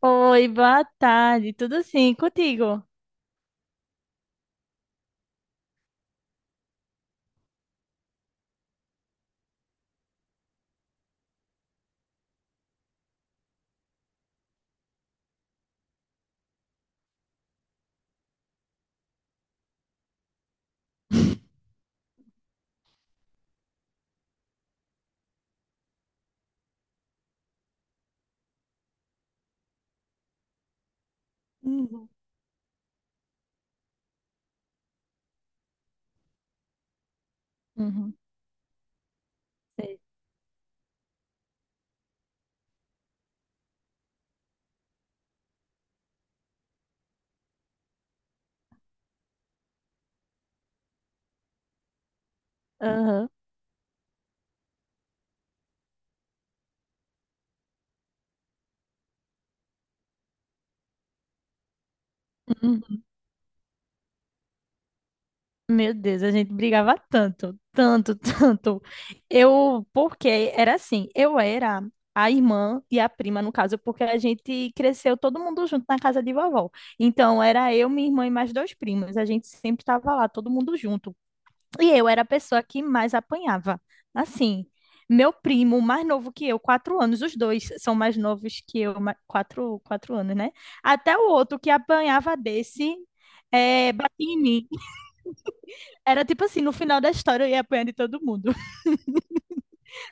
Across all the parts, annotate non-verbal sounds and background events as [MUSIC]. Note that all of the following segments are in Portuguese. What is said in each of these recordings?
Oi, boa tarde. Tudo sim, contigo? Uhum, uhum, sei. Aham. Uhum. Meu Deus, a gente brigava tanto, tanto, [LAUGHS] tanto. Eu, porque era assim, eu era a irmã e a prima, no caso, porque a gente cresceu todo mundo junto na casa de vovó. Então, era eu, minha irmã e mais dois primos. A gente sempre estava lá, todo mundo junto. E eu era a pessoa que mais apanhava. Assim, meu primo, mais novo que eu, 4 anos, os dois são mais novos que eu, quatro anos, né? Até o outro que apanhava desse, é, batia em mim. Era tipo assim, no final da história eu ia apanhar de todo mundo.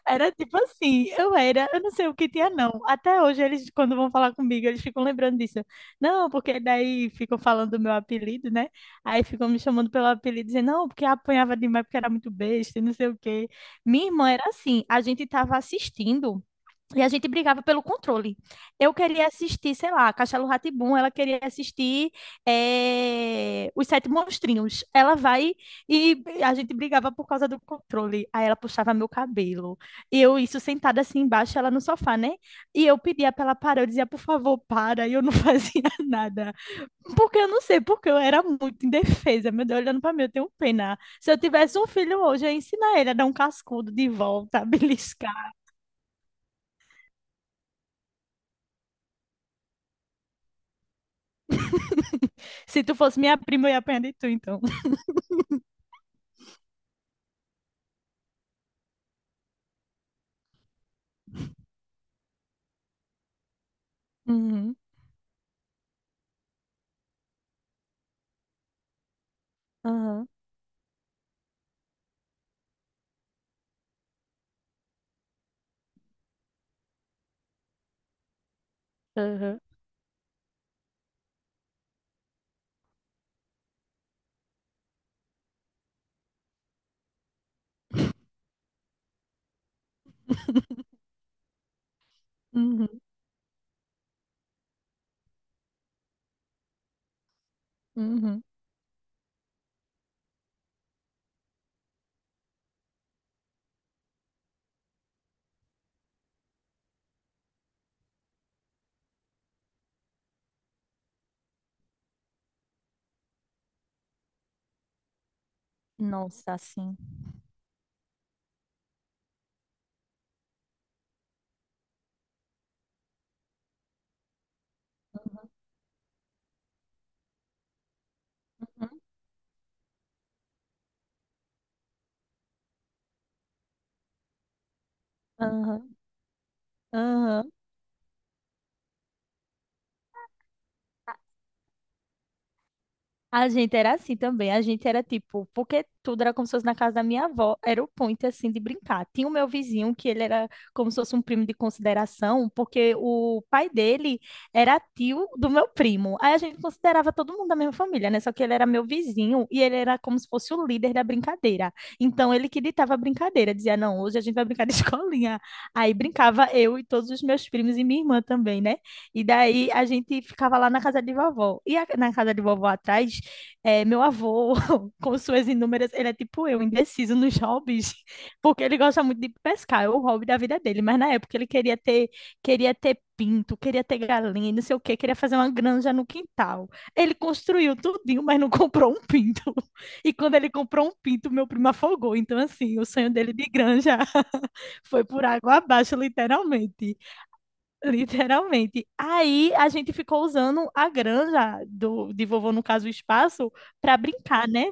Era tipo assim, eu era, eu não sei o que tinha não. Até hoje eles, quando vão falar comigo, eles ficam lembrando disso. Não, porque daí ficam falando do meu apelido, né? Aí ficam me chamando pelo apelido, dizendo, não, porque apanhava demais, porque era muito besta, e não sei o quê. Minha irmã era assim, a gente tava assistindo. E a gente brigava pelo controle. Eu queria assistir, sei lá, Castelo Rá, ela queria assistir Os Sete Monstrinhos. Ela vai e a gente brigava por causa do controle. Aí ela puxava meu cabelo. E eu, isso sentada assim embaixo, ela no sofá, né? E eu pedia pra ela parar, eu dizia, por favor, para. E eu não [LAUGHS] fazia nada. Porque eu não sei, porque eu era muito indefesa. Meu Deus, olhando pra mim, eu tenho pena. Se eu tivesse um filho hoje, eu ia ensinar ele a dar um cascudo de volta, [LAUGHS] a beliscar. Se tu fosse minha prima, eu ia apanhar de tu, então. Uhum, aham, aham. [LAUGHS] Uhum, uhum. Nossa, sim. Aham, aham, aham. A gente era assim também. A gente era tipo, porque tudo era como se fosse na casa da minha avó, era o point assim de brincar. Tinha o meu vizinho que ele era como se fosse um primo de consideração, porque o pai dele era tio do meu primo. Aí a gente considerava todo mundo da mesma família, né? Só que ele era meu vizinho e ele era como se fosse o líder da brincadeira. Então ele que ditava a brincadeira, dizia: "Não, hoje a gente vai brincar de [LAUGHS] escolinha". Aí brincava eu e todos os meus primos e minha irmã também, né? E daí a gente ficava lá na casa de vovó. E a- na casa de vovó atrás, é, meu avô, [LAUGHS] com suas inúmeras, ele é tipo eu, indeciso nos hobbies, [LAUGHS] porque ele gosta muito de pescar, é o hobby da vida dele, mas na época ele queria ter pinto, queria ter galinha, não sei o quê, queria fazer uma granja no quintal. Ele construiu tudinho, mas não [LAUGHS] comprou um pinto. E quando ele comprou um pinto, meu primo afogou. Então, assim, o sonho dele de granja [LAUGHS] foi por água abaixo, literalmente. [LAUGHS] Literalmente. Aí a gente ficou usando a granja de vovô, no caso, o espaço, para brincar, né?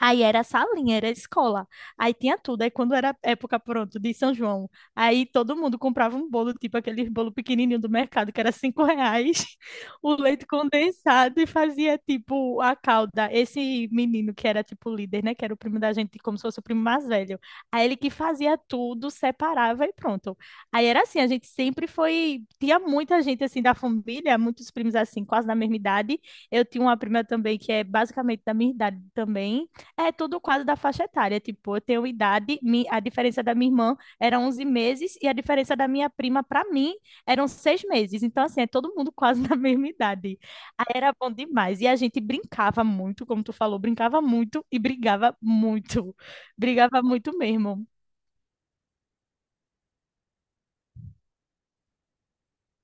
Aí era a salinha, era a escola. Aí tinha tudo. Aí quando era época, pronto, de São João, aí todo mundo comprava um bolo, tipo aquele bolo pequenininho do mercado, que era R$ 5, [LAUGHS] o leite condensado e fazia, tipo, a calda. Esse menino que era, tipo, líder, né, que era o primo da gente, como se fosse o primo mais velho. Aí ele que fazia tudo, separava e pronto. Aí era assim, a gente sempre foi... Tinha muita gente, assim, da família, muitos primos, assim, quase da mesma idade. Eu tinha uma prima também que é basicamente da minha idade também, é tudo quase da faixa etária. Tipo, eu tenho idade, a diferença da minha irmã era 11 meses e a diferença da minha prima para mim eram 6 meses. Então, assim, é todo mundo quase [LAUGHS] na mesma idade. Aí era bom demais. E a gente brincava muito, como tu falou, brincava muito e brigava muito. Brigava muito mesmo.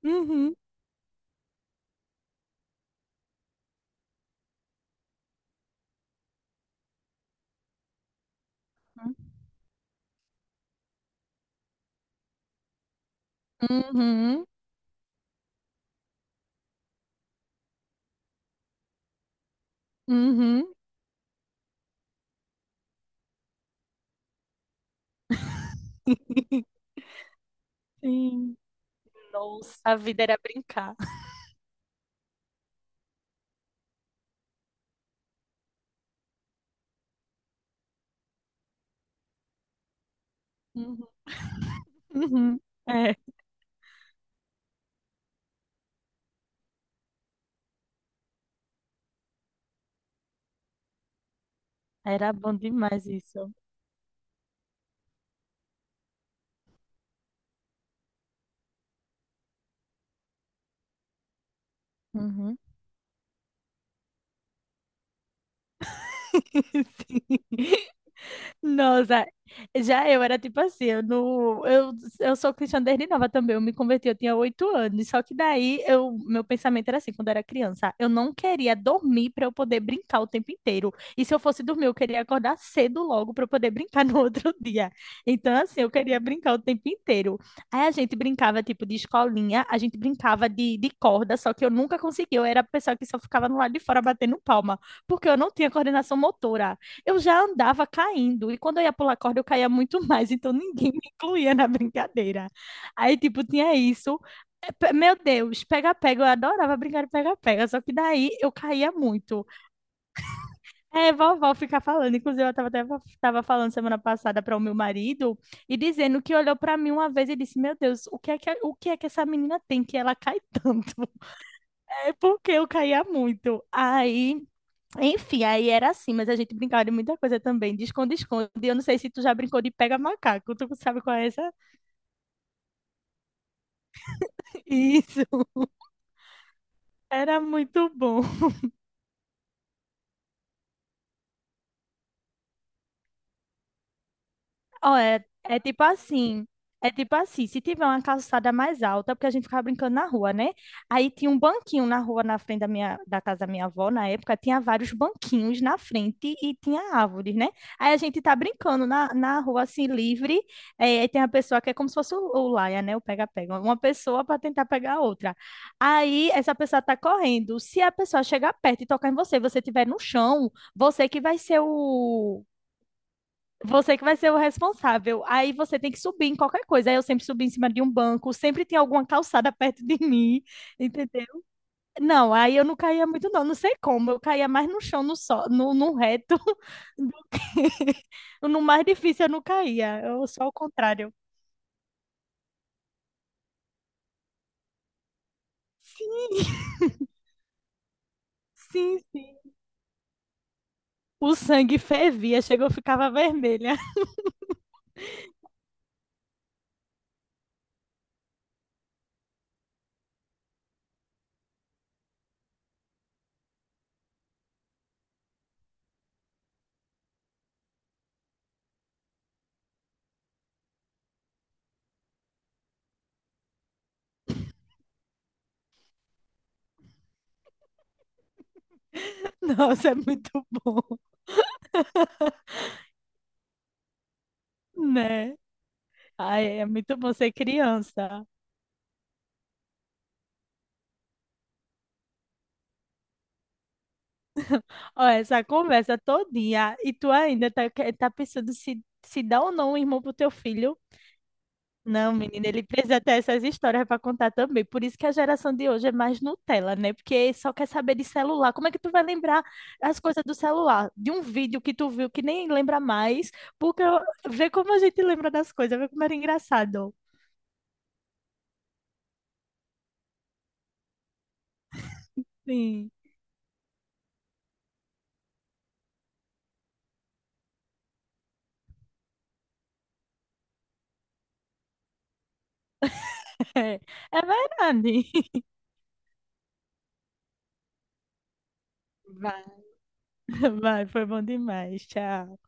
Uhum, uhum, uhum. [LAUGHS] Sim. Nossa, a vida era brincar. Uhum, uhum. É, era bom demais isso. Uhum. [LAUGHS] Sim. Nossa, já eu era tipo assim, eu, não, eu sou cristã desde nova também, eu me converti, eu tinha 8 anos, só que daí eu, meu pensamento era assim, quando eu era criança, eu não queria dormir para eu poder brincar o tempo inteiro, e se eu fosse dormir, eu queria acordar cedo logo para eu poder brincar no [LAUGHS] outro dia, então assim, eu queria brincar o tempo inteiro, aí a gente brincava tipo de escolinha, a gente brincava de corda, só que eu nunca conseguia, eu era a pessoa que só ficava no lado de fora batendo palma, porque eu não tinha coordenação motora, eu já andava caindo. E quando eu ia pular corda, eu caía muito [LAUGHS] mais. Então ninguém me incluía na brincadeira. Aí, tipo, tinha isso. É, Meu Deus, pega-pega. Eu adorava brincar de pega-pega. Só que daí eu caía muito. É, vovó fica falando. Inclusive, eu tava até tava falando semana passada para o meu marido e dizendo que olhou para mim uma vez e disse: Meu Deus, o que é que essa menina tem que ela cai tanto? [LAUGHS] É porque eu caía muito. Aí enfim, aí era assim, mas a gente brincava de muita coisa também, de esconde-esconde. Eu não sei se tu já brincou de pega macaco, tu sabe qual é essa? [LAUGHS] Isso, era muito bom. Ó, é tipo assim. É tipo assim, se tiver uma calçada mais alta, porque a gente ficava brincando na rua, né? Aí tinha um banquinho na rua, na frente da casa da minha avó, na época, tinha vários banquinhos na frente e tinha árvores, né? Aí a gente tá brincando na rua, assim, livre, é, aí tem a pessoa que é como se fosse o laia, né? O pega-pega, uma pessoa para tentar pegar a outra. Aí essa pessoa tá correndo, se a pessoa chegar perto e tocar em você, você estiver no chão, você que vai ser o responsável. Aí você tem que subir em qualquer coisa. Aí eu sempre subi em cima de um banco, sempre tem alguma calçada [LAUGHS] perto de mim, entendeu? Não, aí eu não caía muito, não. Não sei como. Eu caía mais no chão, no, só, no reto, [LAUGHS] do que no mais difícil eu não caía. Eu sou ao contrário. Sim, sim, sim. O sangue fervia, chegou, eu ficava vermelha. [LAUGHS] Nossa, é muito bom, né? Ai, é muito bom ser criança. Ó, essa conversa todinha e tu ainda tá, tá pensando se, dá ou não um irmão pro teu filho? Não, menina, ele precisa ter essas histórias para contar também. Por isso que a geração de hoje é mais Nutella, né? Porque só quer saber de celular. Como é que tu vai lembrar as coisas do celular? De um vídeo que tu viu que nem lembra mais, porque eu- vê como a gente lembra das coisas, vê como era engraçado. Sim, [LAUGHS] é, é verdade. [LAUGHS] Vai. [LAUGHS] Vai, foi bom demais. Tchau.